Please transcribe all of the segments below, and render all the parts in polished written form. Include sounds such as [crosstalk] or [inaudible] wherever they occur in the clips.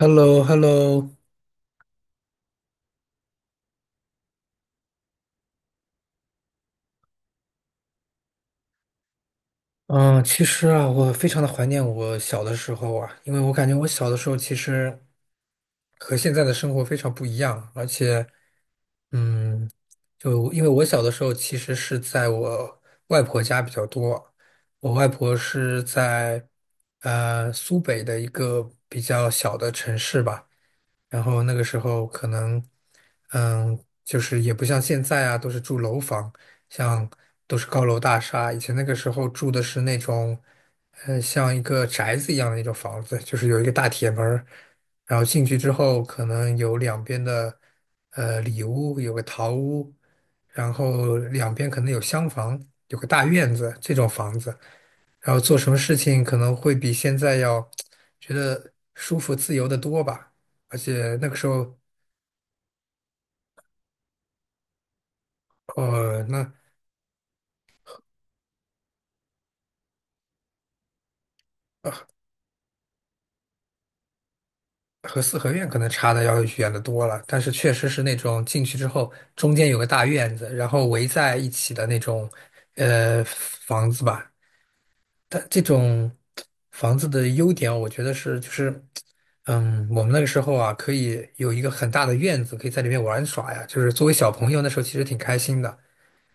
h e l l o Hello 嗯，其实啊，我非常的怀念我小的时候啊，因为我感觉我小的时候其实和现在的生活非常不一样，而且，嗯，就因为我小的时候其实是在我外婆家比较多，我外婆是在苏北的一个比较小的城市吧。然后那个时候可能，就是也不像现在啊，都是住楼房，像都是高楼大厦。以前那个时候住的是那种，像一个宅子一样的那种房子，就是有一个大铁门儿然后进去之后可能有两边的，里屋，有个堂屋，然后两边可能有厢房，有个大院子，这种房子。然后做什么事情可能会比现在要觉得舒服自由的多吧。而且那个时候，呃，那和四合院可能差的要远的多了。但是确实是那种进去之后，中间有个大院子，然后围在一起的那种呃房子吧。但这种房子的优点，我觉得是就是，我们那个时候啊，可以有一个很大的院子，可以在里面玩耍呀。就是作为小朋友，那时候其实挺开心的。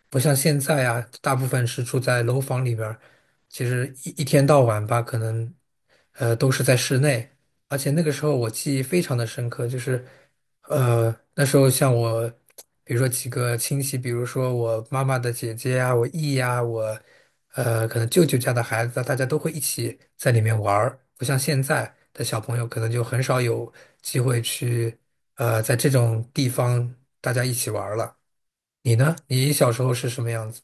不像现在啊，大部分是住在楼房里边儿，其实一天到晚吧，可能都是在室内。而且那个时候我记忆非常的深刻，就是那时候像我，比如说几个亲戚，比如说我妈妈的姐姐啊，我姨呀、我可能舅舅家的孩子啊，大家都会一起在里面玩儿。不像现在的小朋友，可能就很少有机会去在这种地方大家一起玩儿了。你呢？你小时候是什么样子？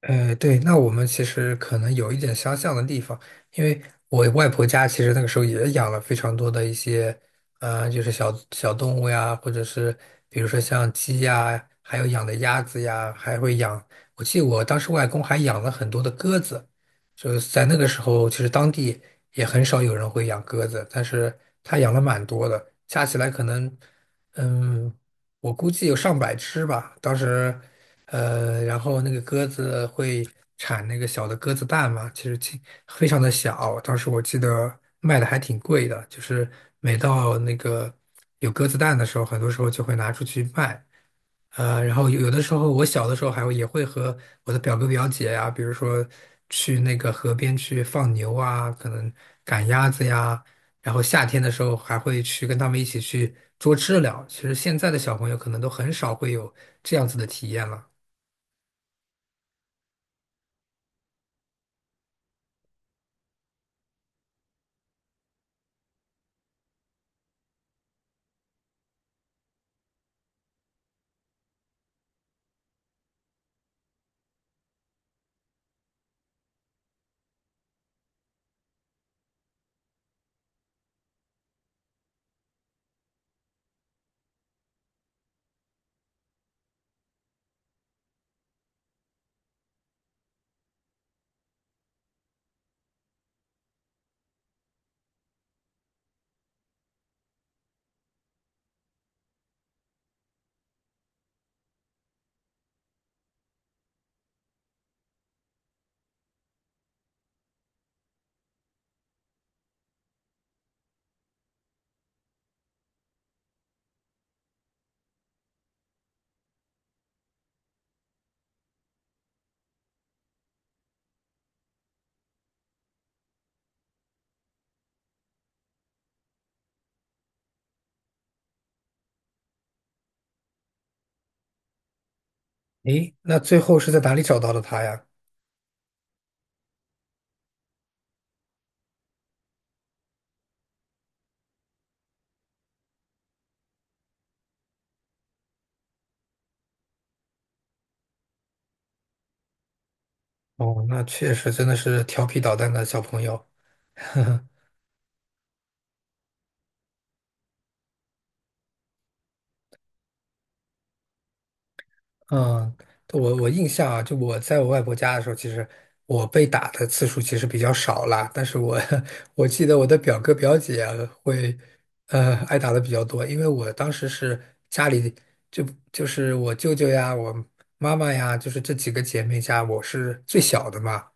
对，那我们其实可能有一点相像的地方，因为我外婆家其实那个时候也养了非常多的一些，就是小小动物呀，或者是比如说像鸡呀，还有养的鸭子呀，还会养，我记得我当时外公还养了很多的鸽子，就是在那个时候，其实当地也很少有人会养鸽子，但是他养了蛮多的，加起来可能。嗯，我估计有上百只吧。当时，然后那个鸽子会产那个小的鸽子蛋嘛，其实挺非常的小。当时我记得卖的还挺贵的，就是每到那个有鸽子蛋的时候，很多时候就会拿出去卖。然后有的时候，我小的时候还会也会和我的表哥表姐呀、比如说去那个河边去放牛啊，可能赶鸭子呀，然后夏天的时候还会去跟他们一起去捉知了，其实现在的小朋友可能都很少会有这样子的体验了。诶，那最后是在哪里找到的他呀？哦，那确实真的是调皮捣蛋的小朋友，嗯，我印象啊，就我在我外婆家的时候，其实我被打的次数其实比较少啦。但是我 [laughs] 我记得我的表哥表姐啊会，挨打的比较多，因为我当时是家里就就是我舅舅呀，我妈妈呀，就是这几个姐妹家，我是最小的嘛，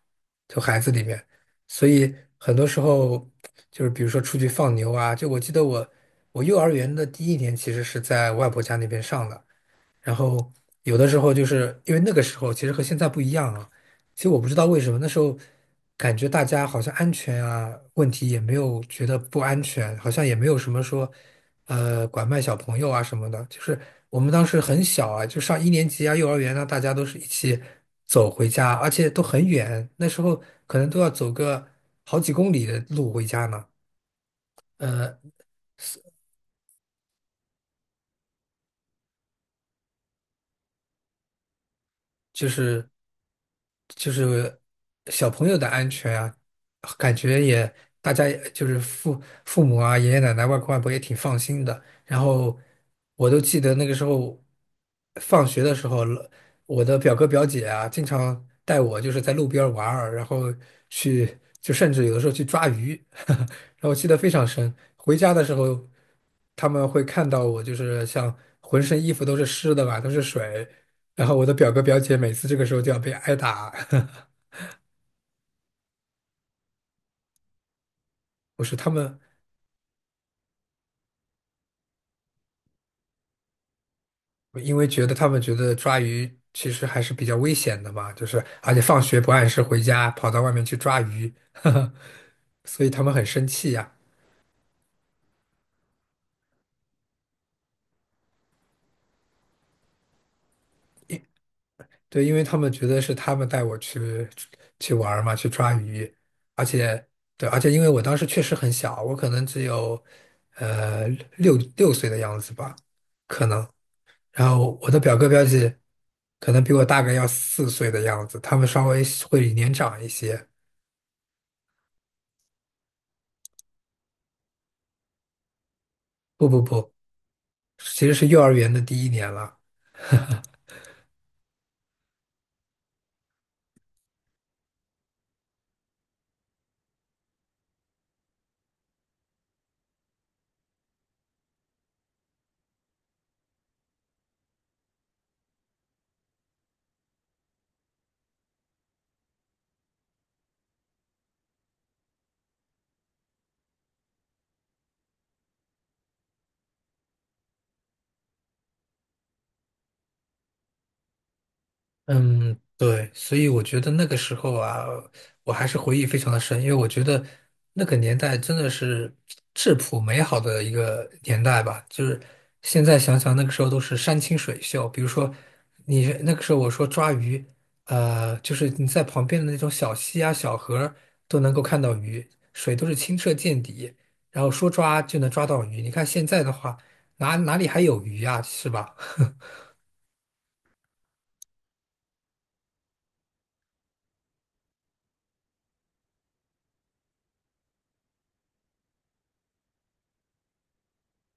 就孩子里面，所以很多时候就是比如说出去放牛啊，就我记得我幼儿园的第一年其实是在外婆家那边上的。然后有的时候就是因为那个时候其实和现在不一样啊，其实我不知道为什么那时候感觉大家好像安全啊问题也没有觉得不安全，好像也没有什么说拐卖小朋友啊什么的，就是我们当时很小啊，就上1年级啊幼儿园啊，大家都是一起走回家，而且都很远，那时候可能都要走个好几公里的路回家呢。呃，就是就是小朋友的安全啊，感觉也大家也就是父母啊、爷爷奶奶、外公外婆也挺放心的。然后我都记得那个时候放学的时候，我的表哥表姐啊，经常带我就是在路边儿玩儿，然后去就甚至有的时候去抓鱼，[laughs] 然后我记得非常深。回家的时候，他们会看到我就是像浑身衣服都是湿的吧，都是水。然后我的表哥表姐每次这个时候就要被挨打，[laughs] 我是他们，因为觉得他们觉得抓鱼其实还是比较危险的嘛，就是而且放学不按时回家，跑到外面去抓鱼，[laughs] 呵呵，所以他们很生气呀。对，因为他们觉得是他们带我去去玩儿嘛，去抓鱼，而且对，而且因为我当时确实很小，我可能只有呃六岁的样子吧，可能。然后我的表哥表姐可能比我大概要4岁的样子，他们稍微会年长一些。不不不，其实是幼儿园的第一年了。嗯，对，所以我觉得那个时候啊，我还是回忆非常的深，因为我觉得那个年代真的是质朴美好的一个年代吧。就是现在想想，那个时候都是山清水秀，比如说你那个时候我说抓鱼，就是你在旁边的那种小溪啊、小河儿都能够看到鱼，水都是清澈见底，然后说抓就能抓到鱼。你看现在的话，哪里还有鱼啊，是吧？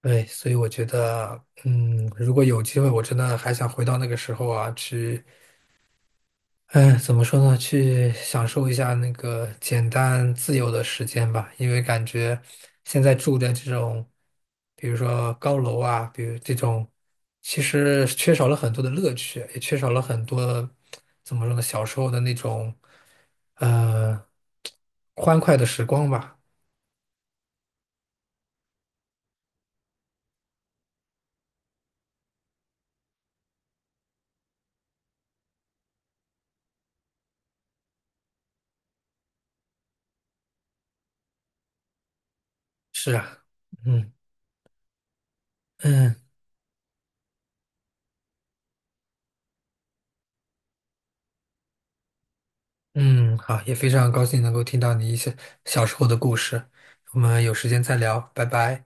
对，所以我觉得，嗯，如果有机会，我真的还想回到那个时候啊，去，嗯，怎么说呢，去享受一下那个简单自由的时间吧。因为感觉现在住的这种，比如说高楼啊，比如这种，其实缺少了很多的乐趣，也缺少了很多，怎么说呢，小时候的那种，呃，欢快的时光吧。是啊，嗯嗯。嗯，好，也非常高兴能够听到你一些小时候的故事。我们有时间再聊，拜拜。